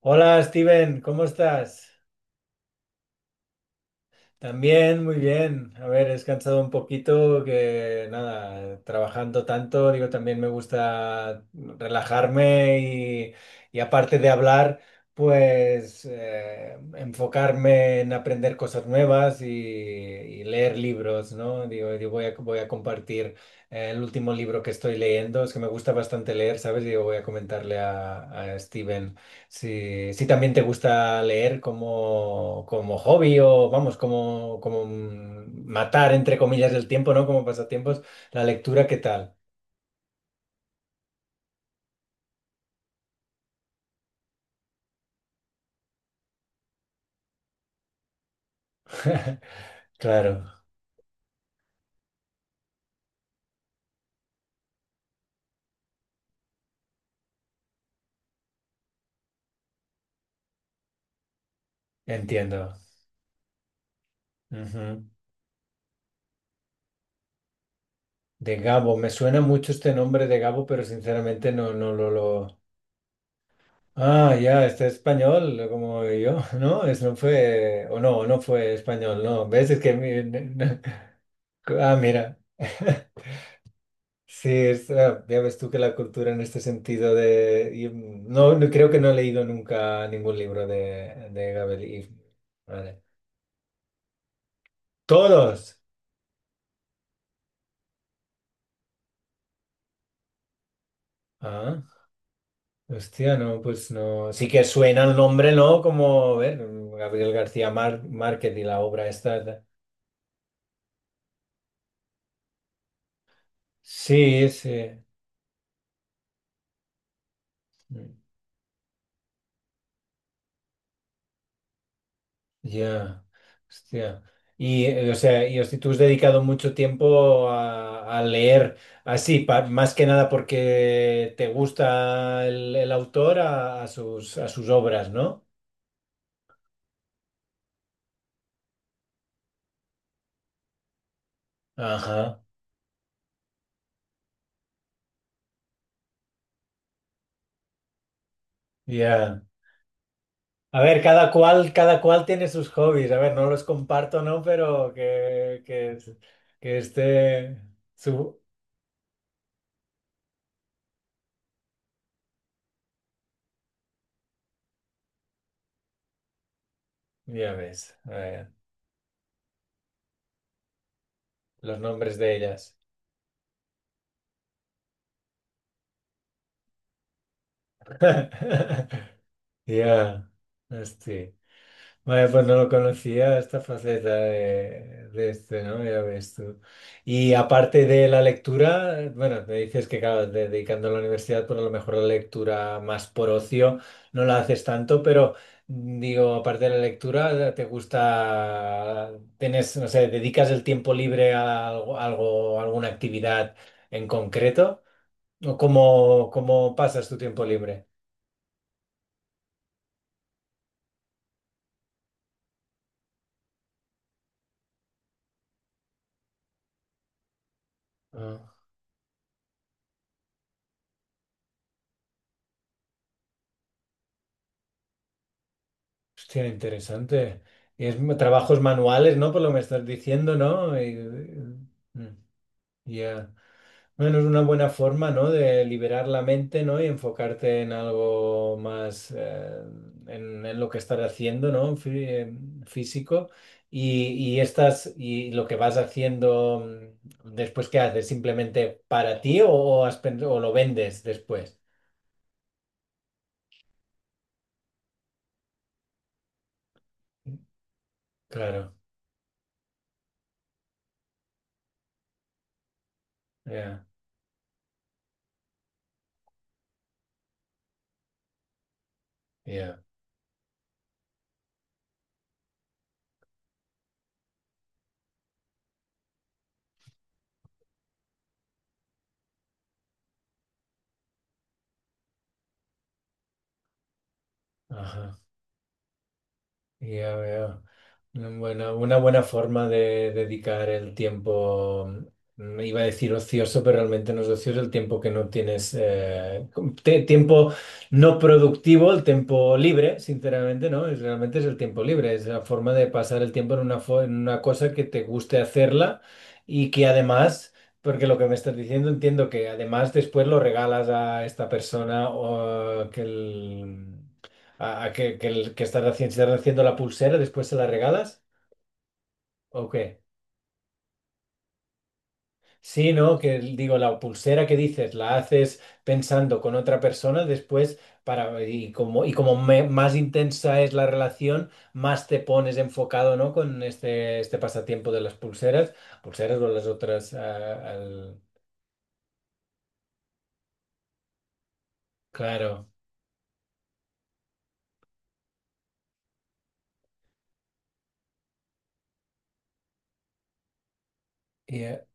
Hola Steven, ¿cómo estás? También, muy bien. A ver, he descansado un poquito, que nada, trabajando tanto, digo, también me gusta relajarme y aparte de hablar, pues enfocarme en aprender cosas nuevas y leer libros, ¿no? Digo, voy a compartir el último libro que estoy leyendo, es que me gusta bastante leer, ¿sabes? Digo, voy a comentarle a Steven. Si también te gusta leer como hobby, o vamos, como matar entre comillas el tiempo, ¿no? Como pasatiempos, la lectura, ¿qué tal? Claro, entiendo. Ujú. De Gabo, me suena mucho este nombre de Gabo, pero sinceramente no, no lo... Ah, ya, este es español, como yo, ¿no? Es, no fue, o no, no fue español, ¿no? ¿Ves? Es que... Ah, mira. Sí, es, ah, ya ves tú que la cultura en este sentido de... y, no, no, creo que no he leído nunca ningún libro de Gabel Ibn. Vale. ¡Todos! Ah, hostia, no, pues no. Sí que suena el nombre, ¿no? Como, a ver, Gabriel García Márquez y la obra esta. Sí, sí. Ya, hostia. Y, o sea, y hostia, tú has dedicado mucho tiempo a leer así, más que nada porque te gusta el autor, a sus obras, ¿no? Ajá, ya. A ver, cada cual tiene sus hobbies. A ver, no los comparto, ¿no? Pero que, esté su... Ya ves, a ver, los nombres de ellas. Ya, hostia. Vaya, pues no lo conocía esta faceta de este, ¿no? Ya ves tú. Y aparte de la lectura, bueno, me dices que, claro, dedicando a la universidad, pues a lo mejor la lectura más por ocio no la haces tanto, pero digo, aparte de la lectura, ¿te gusta, tienes, no sé, dedicas el tiempo libre a algo, alguna actividad en concreto? ¿O cómo pasas tu tiempo libre? Hostia, interesante. Y es trabajos manuales, ¿no? Por lo que me estás diciendo, ¿no? Ya. Bueno, es una buena forma, ¿no? De liberar la mente, ¿no? Y enfocarte en algo más, en lo que estás haciendo, ¿no? Físico. Y, y lo que vas haciendo después, ¿qué haces? ¿Simplemente para ti, o has o lo vendes después? Claro, ya, ya. Ajá. Ya veo. Bueno, una buena forma de dedicar el tiempo, iba a decir ocioso, pero realmente no es ocioso el tiempo que no tienes, tiempo no productivo, el tiempo libre, sinceramente, ¿no? Es, realmente es el tiempo libre, es la forma de pasar el tiempo en en una cosa que te guste hacerla y que además... ¿Porque lo que me estás diciendo entiendo que además después lo regalas a esta persona, o que el, a que, el- que estás haciendo, si estás haciendo la pulsera, después se la regalas? ¿O qué? Sí, ¿no? Que digo, la pulsera que dices, la haces pensando con otra persona, después más intensa es la relación, más te pones enfocado, ¿no? Con este pasatiempo de las pulseras o las otras, claro, y, eh,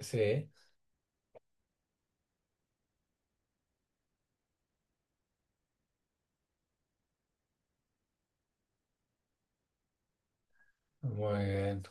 sí, muy bien.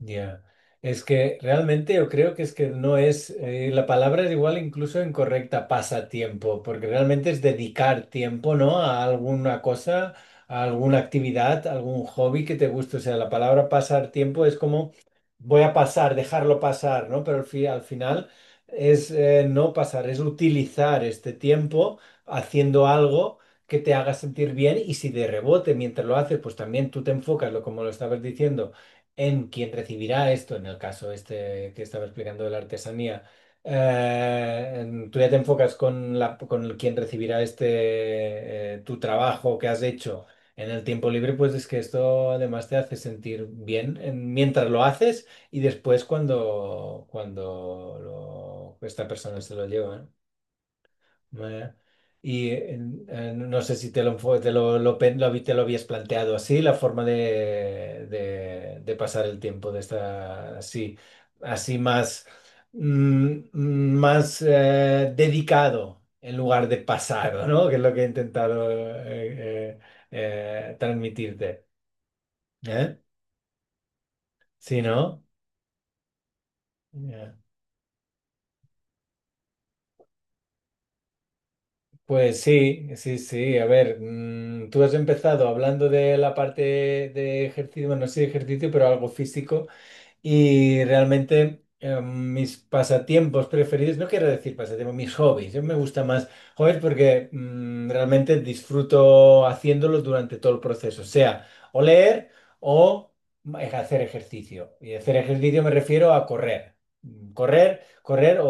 Ya, es que realmente yo creo que es que no es, la palabra es igual incluso incorrecta, pasatiempo, porque realmente es dedicar tiempo, ¿no? A alguna cosa, a alguna actividad, a algún hobby que te guste. O sea, la palabra pasar tiempo es como voy a pasar, dejarlo pasar, ¿no? Pero al final es, no pasar, es utilizar este tiempo haciendo algo que te haga sentir bien, y si de rebote mientras lo haces, pues también tú te enfocas, lo como lo estabas diciendo, en quien recibirá esto, en el caso este que estaba explicando de la artesanía, tú ya te enfocas con la, con el quien recibirá este, tu trabajo que has hecho en el tiempo libre. Pues es que esto además te hace sentir bien mientras lo haces, y después cuando, esta persona se lo lleva, ¿eh? Vaya. Y no sé si te lo, enfo- te lo, te lo habías planteado así, la forma de pasar el tiempo de esta, así, así más, mm, más dedicado en lugar de pasado, ¿no? Que es lo que he intentado, transmitirte. ¿Eh? ¿Sí, no? Pues sí, sí, sí. A ver, tú has empezado hablando de la parte de ejercicio, bueno, no sé de ejercicio, pero algo físico. Y realmente, mis pasatiempos preferidos, no quiero decir pasatiempos, mis hobbies. Yo me gusta más hobbies porque realmente disfruto haciéndolos durante todo el proceso, sea o leer o hacer ejercicio. Y hacer ejercicio me refiero a correr. Correr o,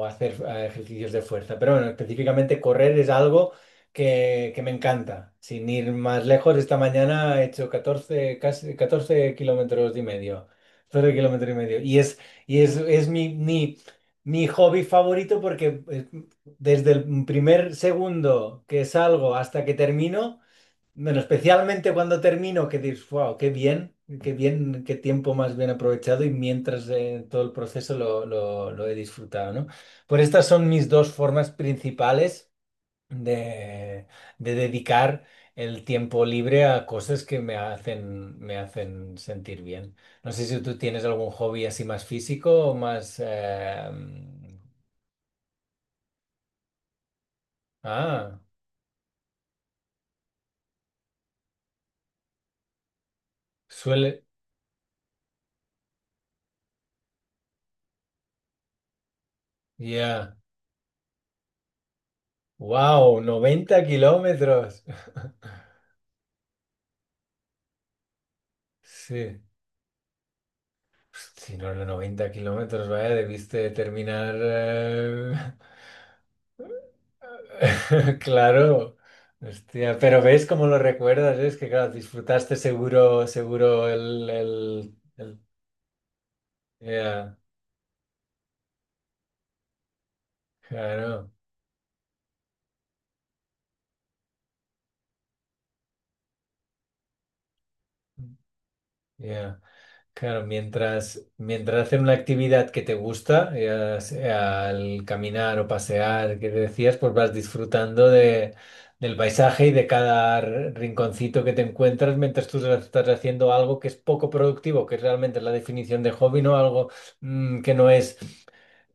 o hacer, ejercicios de fuerza. Pero bueno, específicamente correr es algo que me encanta. Sin ir más lejos, esta mañana he hecho 14, casi 14,5 km. Solo 1,5 km. Es mi hobby favorito porque, desde el primer segundo que salgo hasta que termino, bueno, especialmente cuando termino, que dices, wow, qué bien, qué bien, qué tiempo más bien aprovechado, y mientras, todo el proceso lo he disfrutado, ¿no? Pues estas son mis dos formas principales de, de dedicar el tiempo libre a cosas que me hacen sentir bien. No sé si tú tienes algún hobby así más físico o más... ah, suele... Ya. Wow, 90 km. Sí. Si no, los 90 km, vaya, debiste terminar. Claro, hostia, pero ves cómo lo recuerdas, ¿eh? Es que claro, disfrutaste seguro, seguro ya, claro, ya. Claro, mientras hacer una actividad que te gusta, ya sea al caminar o pasear, que decías, pues vas disfrutando del paisaje y de cada rinconcito que te encuentras mientras tú estás haciendo algo que es poco productivo, que realmente es realmente la definición de hobby, ¿no? Algo que no es,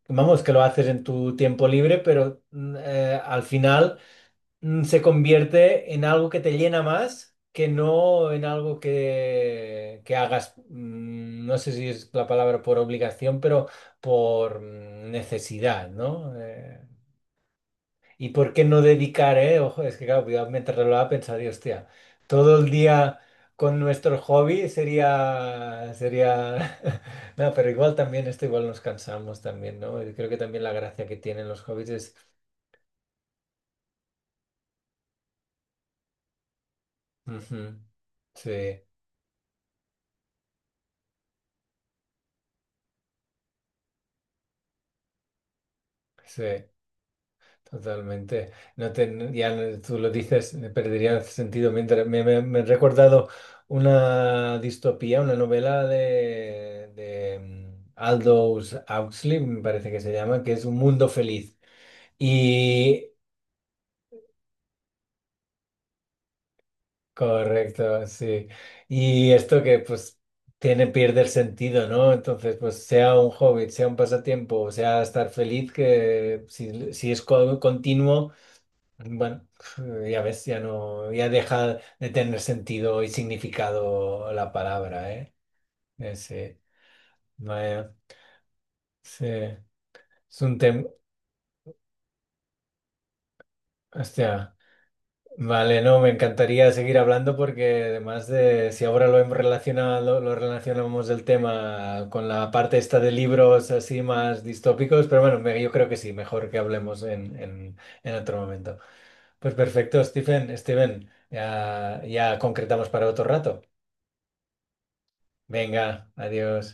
vamos, que lo haces en tu tiempo libre, pero al final se convierte en algo que te llena, más que no en algo que hagas, no sé si es la palabra por obligación, pero por necesidad, ¿no? ¿Y por qué no dedicar, eh? Ojo, es que claro, cuidado, mientras lo hablaba pensaba, Dios, hostia, todo el día con nuestro hobby sería, no, pero igual también esto igual nos cansamos también, ¿no? y creo que también la gracia que tienen los hobbies es... Ujú. Sí, sí. Totalmente. No, tú lo dices, perdería sentido. Mientras, me he recordado una distopía, una novela de Aldous Huxley, me parece que se llama, que es Un mundo feliz. Y correcto, sí. Y esto que, pues, tiene, pierde el sentido, ¿no? Entonces, pues sea un hobby, sea un pasatiempo, sea estar feliz, que si es continuo. Bueno, ya ves, ya no, ya deja de tener sentido y significado la palabra, ¿eh? Ese, vaya, sí, es un tema, hostia, vale, no, me encantaría seguir hablando, porque además de, si ahora lo hemos relacionado, lo relacionamos el tema con la parte esta de libros así más distópicos, pero bueno, yo creo que sí, mejor que hablemos en otro momento. Pues perfecto, Stephen, Steven, ya, ya concretamos para otro rato. Venga, adiós.